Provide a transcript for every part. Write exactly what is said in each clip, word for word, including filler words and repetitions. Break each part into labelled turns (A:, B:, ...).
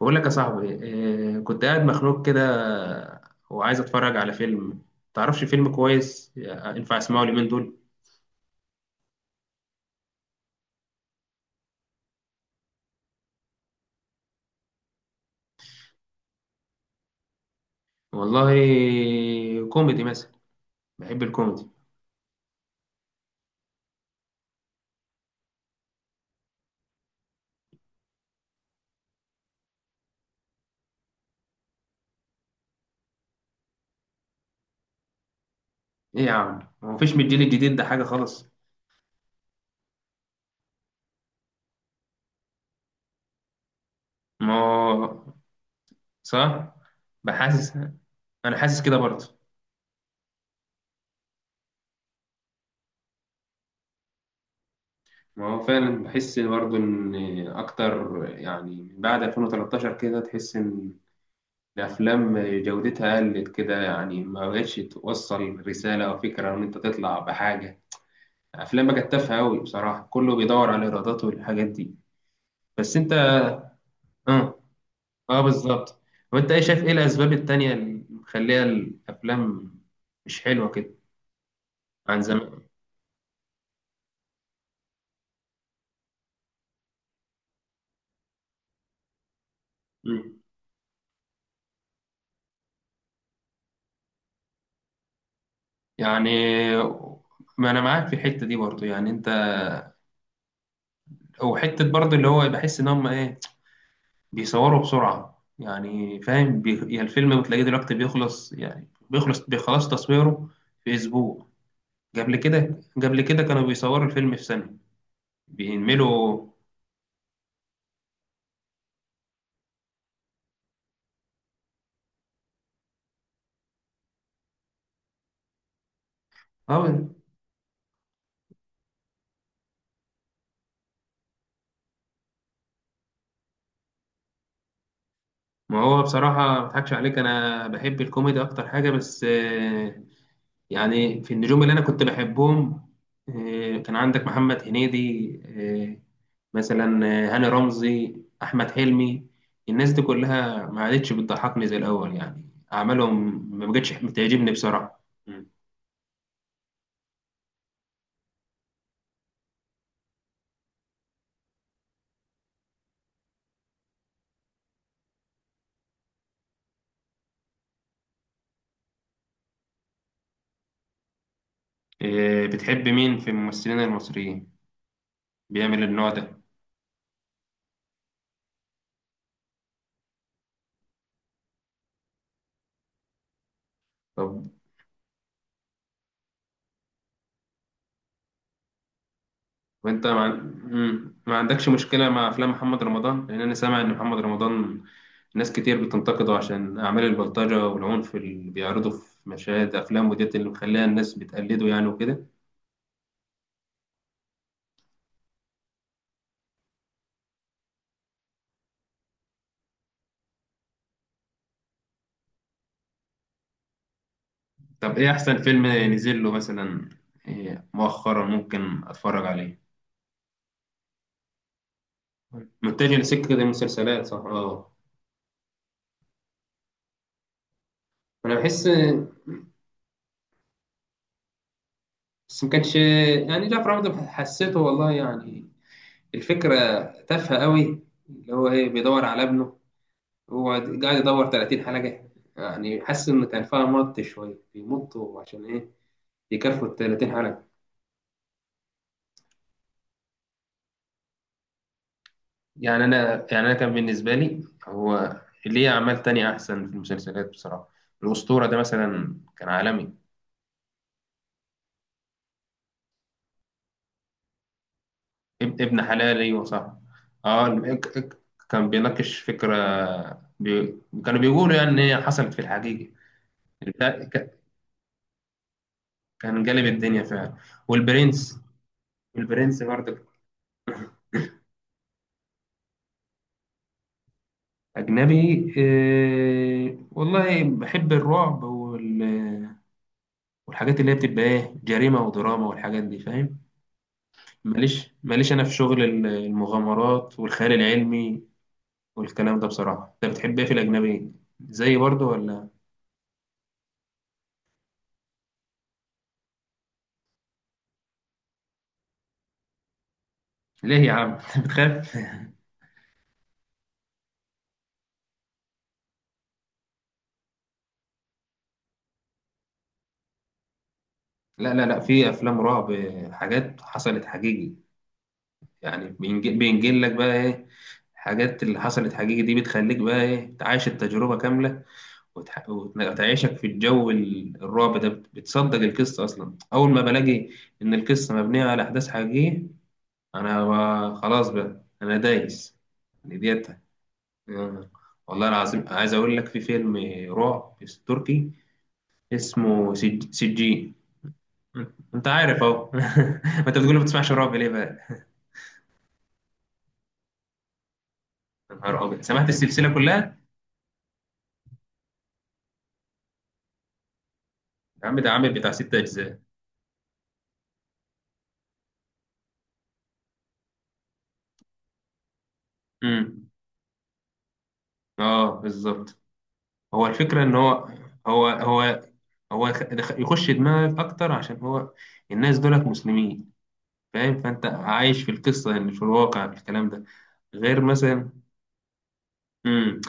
A: بقول لك يا صاحبي، آه، كنت قاعد مخنوق كده وعايز اتفرج على فيلم. تعرفش فيلم كويس آه، ينفع اسمعه اليومين دول؟ والله، كوميدي مثلا. بحب الكوميدي. ايه يا عم، هو مفيش من الجيل الجديد ده حاجه خالص؟ ما هو- صح. بحاسس. انا حاسس كده برضه. ما هو فعلا بحس برضه ان اكتر، يعني من بعد الفين وتلتاشر كده تحس ان الافلام جودتها قلت كده، يعني ما بقتش توصل رساله او فكره ان انت تطلع بحاجه. افلام بقى تافهه قوي بصراحه، كله بيدور على الايرادات والحاجات دي. بس انت، اه، اه بالظبط. وانت ايه، شايف ايه الاسباب التانية اللي مخليها الافلام مش حلوه كده عن زمان؟ مم. يعني ما انا معاك في الحته دي برضو. يعني انت، وحته برضو اللي هو بحس ان هم ايه، بيصوروا بسرعه. يعني فاهم، بي... يعني الفيلم بتلاقيه دلوقتي بيخلص، يعني بيخلص بيخلص تصويره في اسبوع. قبل كده قبل كده كانوا بيصوروا الفيلم في سنه. بينملوا. اه. ما هو بصراحة ما اضحكش عليك، أنا بحب الكوميدي أكتر حاجة. بس آه، يعني في النجوم اللي أنا كنت بحبهم. آه، كان عندك محمد هنيدي، آه، مثلا، آه، هاني رمزي، أحمد حلمي. الناس دي كلها ما عادتش بتضحكني زي الأول، يعني أعمالهم ما بقتش بتعجبني بصراحة. م. آه، بتحب مين في الممثلين المصريين بيعمل النوع ده؟ طب، وأنت ما, عن- م، ما عندكش مشكلة مع أفلام محمد رمضان؟ لأن أنا سامع إن محمد رمضان ناس كتير بتنتقده عشان أعمال البلطجة والعنف اللي بيعرضوا في مشاهد أفلام وديت اللي مخليها الناس بتقلده، يعني وكده. طب إيه أحسن فيلم نزل له مثلا؟ إيه مؤخرا ممكن أتفرج عليه؟ متجه لسكة المسلسلات، صح، اه. أنا بحس، بس ما كانش، يعني جعفر عمده حسيته والله، يعني الفكرة تافهة قوي. اللي هو إيه، بيدور على ابنه. هو قاعد يدور تلاتين حلقة، يعني حاسس إن كان فيها مط، شوية بيمطوا عشان إيه، يكفوا ال تلاتين حلقة. يعني انا، يعني انا كان بالنسبه لي هو، ليه اعمال تانية احسن في المسلسلات بصراحه. الاسطوره ده مثلا كان عالمي. اب- ابن حلال، وصح. اه، ال- ك- ك- كان بيناقش فكره، بي... كانوا بيقولوا يعني ان هي حصلت في الحقيقه. ده ك- كان جالب الدنيا فعلا. والبرنس، البرنس برضه. اجنبي إيه... والله بحب الرعب وال... والحاجات اللي هي بتبقى ايه، جريمه ودراما والحاجات دي، فاهم. ماليش، ماليش انا في شغل ال- المغامرات والخيال العلمي والكلام ده بصراحه. انت بتحب ايه في الاجنبي، زي برضه ولا؟ ليه يا عم؟ انت بتخاف؟ لا لا لا، في افلام رعب حاجات حصلت حقيقي. يعني بينج- بينجل لك بقى ايه، الحاجات اللي حصلت حقيقي دي بتخليك بقى ايه، تعيش التجربه كامله وتح- وتعيشك في الجو ال- الرعب ده. بت- بتصدق القصه اصلا، اول ما بلاقي ان القصه مبنيه على احداث حقيقيه، انا ب- خلاص بقى، انا دايس يعني ديت. آه. والله العظيم عايز اقول لك في فيلم رعب تركي اسمه سج- سجين. انت عارف اهو. ما انت بتقول ما بتسمعش رعب، ليه بقى؟ يا نهار ابيض، سمعت السلسله كلها؟ يا عم ده عامل بتاع ست اجزاء. امم، اه بالظبط. هو الفكره ان هو هو هو هو يخ- دخ- يخش دماغك اكتر، عشان هو الناس دولت مسلمين فاهم، فانت عايش في القصه، يعني في الواقع في الكلام ده. غير مثلا، امم،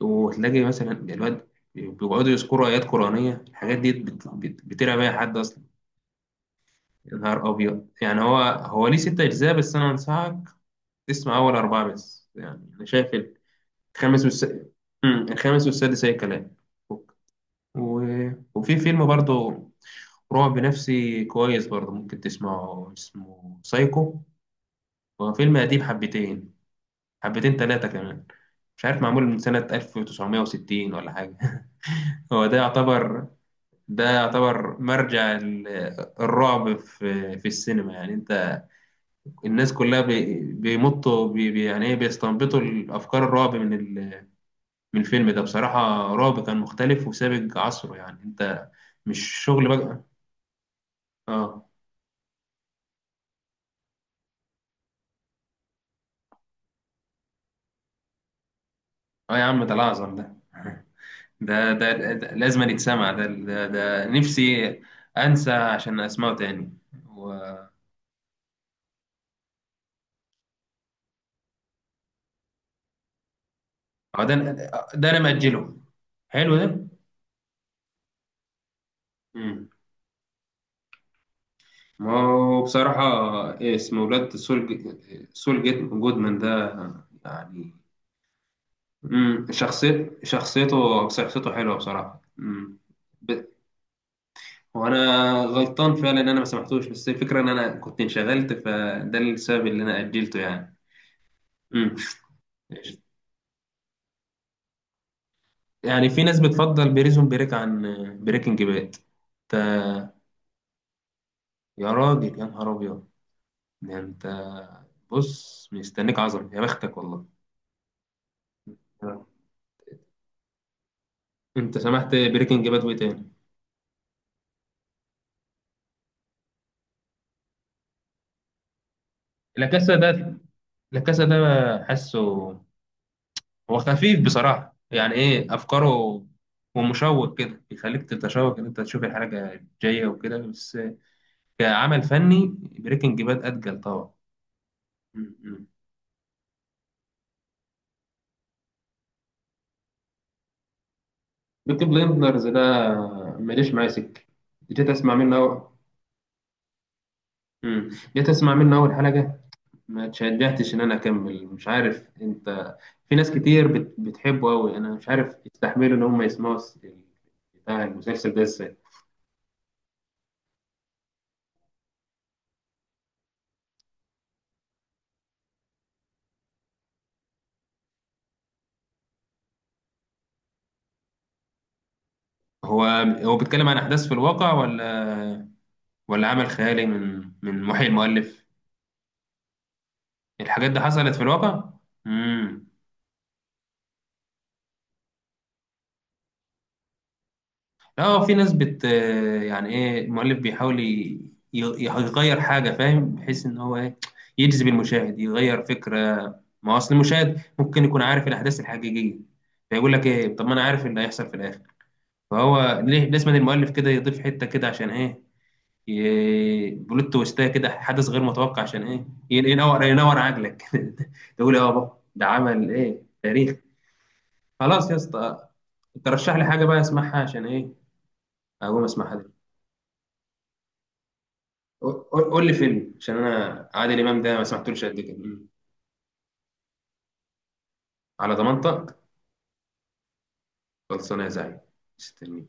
A: وتلاقي مثلا الواد بيقعدوا يذكروا ايات قرانيه. الحاجات دي بت- بت- بترعب اي حد اصلا. يا نهار ابيض، يعني هو هو ليه ست اجزاء، بس انا انصحك تسمع اول اربعه بس. يعني انا شايف الخامس والس... امم، الخامس والسادس اي كلام. و... وفي فيلم برضه رعب نفسي كويس برضه ممكن تسمعه، اسمه سايكو. هو فيلم قديم حبتين، حبتين ثلاثه كمان. مش عارف معمول من سنه الف وتسعمية وستين ولا حاجه. هو ده يعتبر، ده يعتبر مرجع ال- الرعب في في السينما. يعني انت، الناس كلها بي- بيمطوا بي بي- يعني ايه، بيستنبطوا الافكار الرعب من ال- من الفيلم ده بصراحة. رعب كان مختلف وسابق عصره. يعني انت مش شغل بقى، اه. اه يا عم، ده الاعظم ده. ده ده, ده, ده لازم يتسمع. ده, ده ده نفسي انسى عشان اسمعه تاني. و-، اه ده، ده انا مأجله. حلو ده. مم. ما هو بصراحة، إيه اسمه، ولاد سول، ج- سول جيت جودمان ده يعني. مم. شخصيت شخصيته شخصيته حلوة بصراحة. مم. ب... وأنا غلطان فعلا إن أنا ما سمحتوش، بس الفكرة إن أنا كنت انشغلت فده السبب اللي أنا أجلته يعني. مم. يعني في ناس بتفضل بريزون بريك عن بريكنج باد. أنت، يا راجل يا نهار أبيض. ده أنت، بص مستنيك عظمة، يا بختك والله. انت سمحت بريكنج باد وايه تاني؟ لا كاسا ده، لا كاسا ده حاسه هو خفيف بصراحة. يعني ايه، افكاره ومشوق كده، بيخليك تتشوق ان انت تشوف الحاجة الجاية وكده. بس كعمل فني بريكنج باد اتقل طبعا. مم. بيكي بليندرز ده ماليش معايا سكه. جيت اسمع منه أول-، مم. جيت اسمع منه اول حلقه، ما اتشجعتش ان انا اكمل. مش عارف انت، في ناس كتير بت... بتحبه قوي. انا مش عارف يستحملوا ان هم يسمعوا الس- بتاع المسلسل ده ازاي. هو هو بيتكلم عن احداث في الواقع، ولا ولا عمل خيالي من من محي المؤلف؟ الحاجات دي حصلت في الواقع؟ امم، اه. في ناس بت يعني ايه، المؤلف بيحاول ي- ي- يغير حاجه، فاهم؟ بحيث ان هو ايه، يجذب المشاهد، يغير فكره. ما هو اصل المشاهد ممكن يكون عارف الاحداث الحقيقيه، فيقول لك ايه، طب ما انا عارف إيه اللي هيحصل في الاخر. فهو ليه لازم المؤلف كده يضيف حته كده، عشان ايه، ي- بلوت تويستايه كده، حدث غير متوقع، عشان ايه، ين- ينور ينور عقلك. تقول إيه، اه بابا ده عمل ايه، تاريخ. خلاص يا اسطى. ترشح لي حاجه بقى اسمعها، عشان ايه، اقوم اسمعها. قول قول لي فيلم، عشان انا عادل امام ده ما سمعتلوش قد كده. على ضمانتك. خلصانه يا زعيم، مستنيك.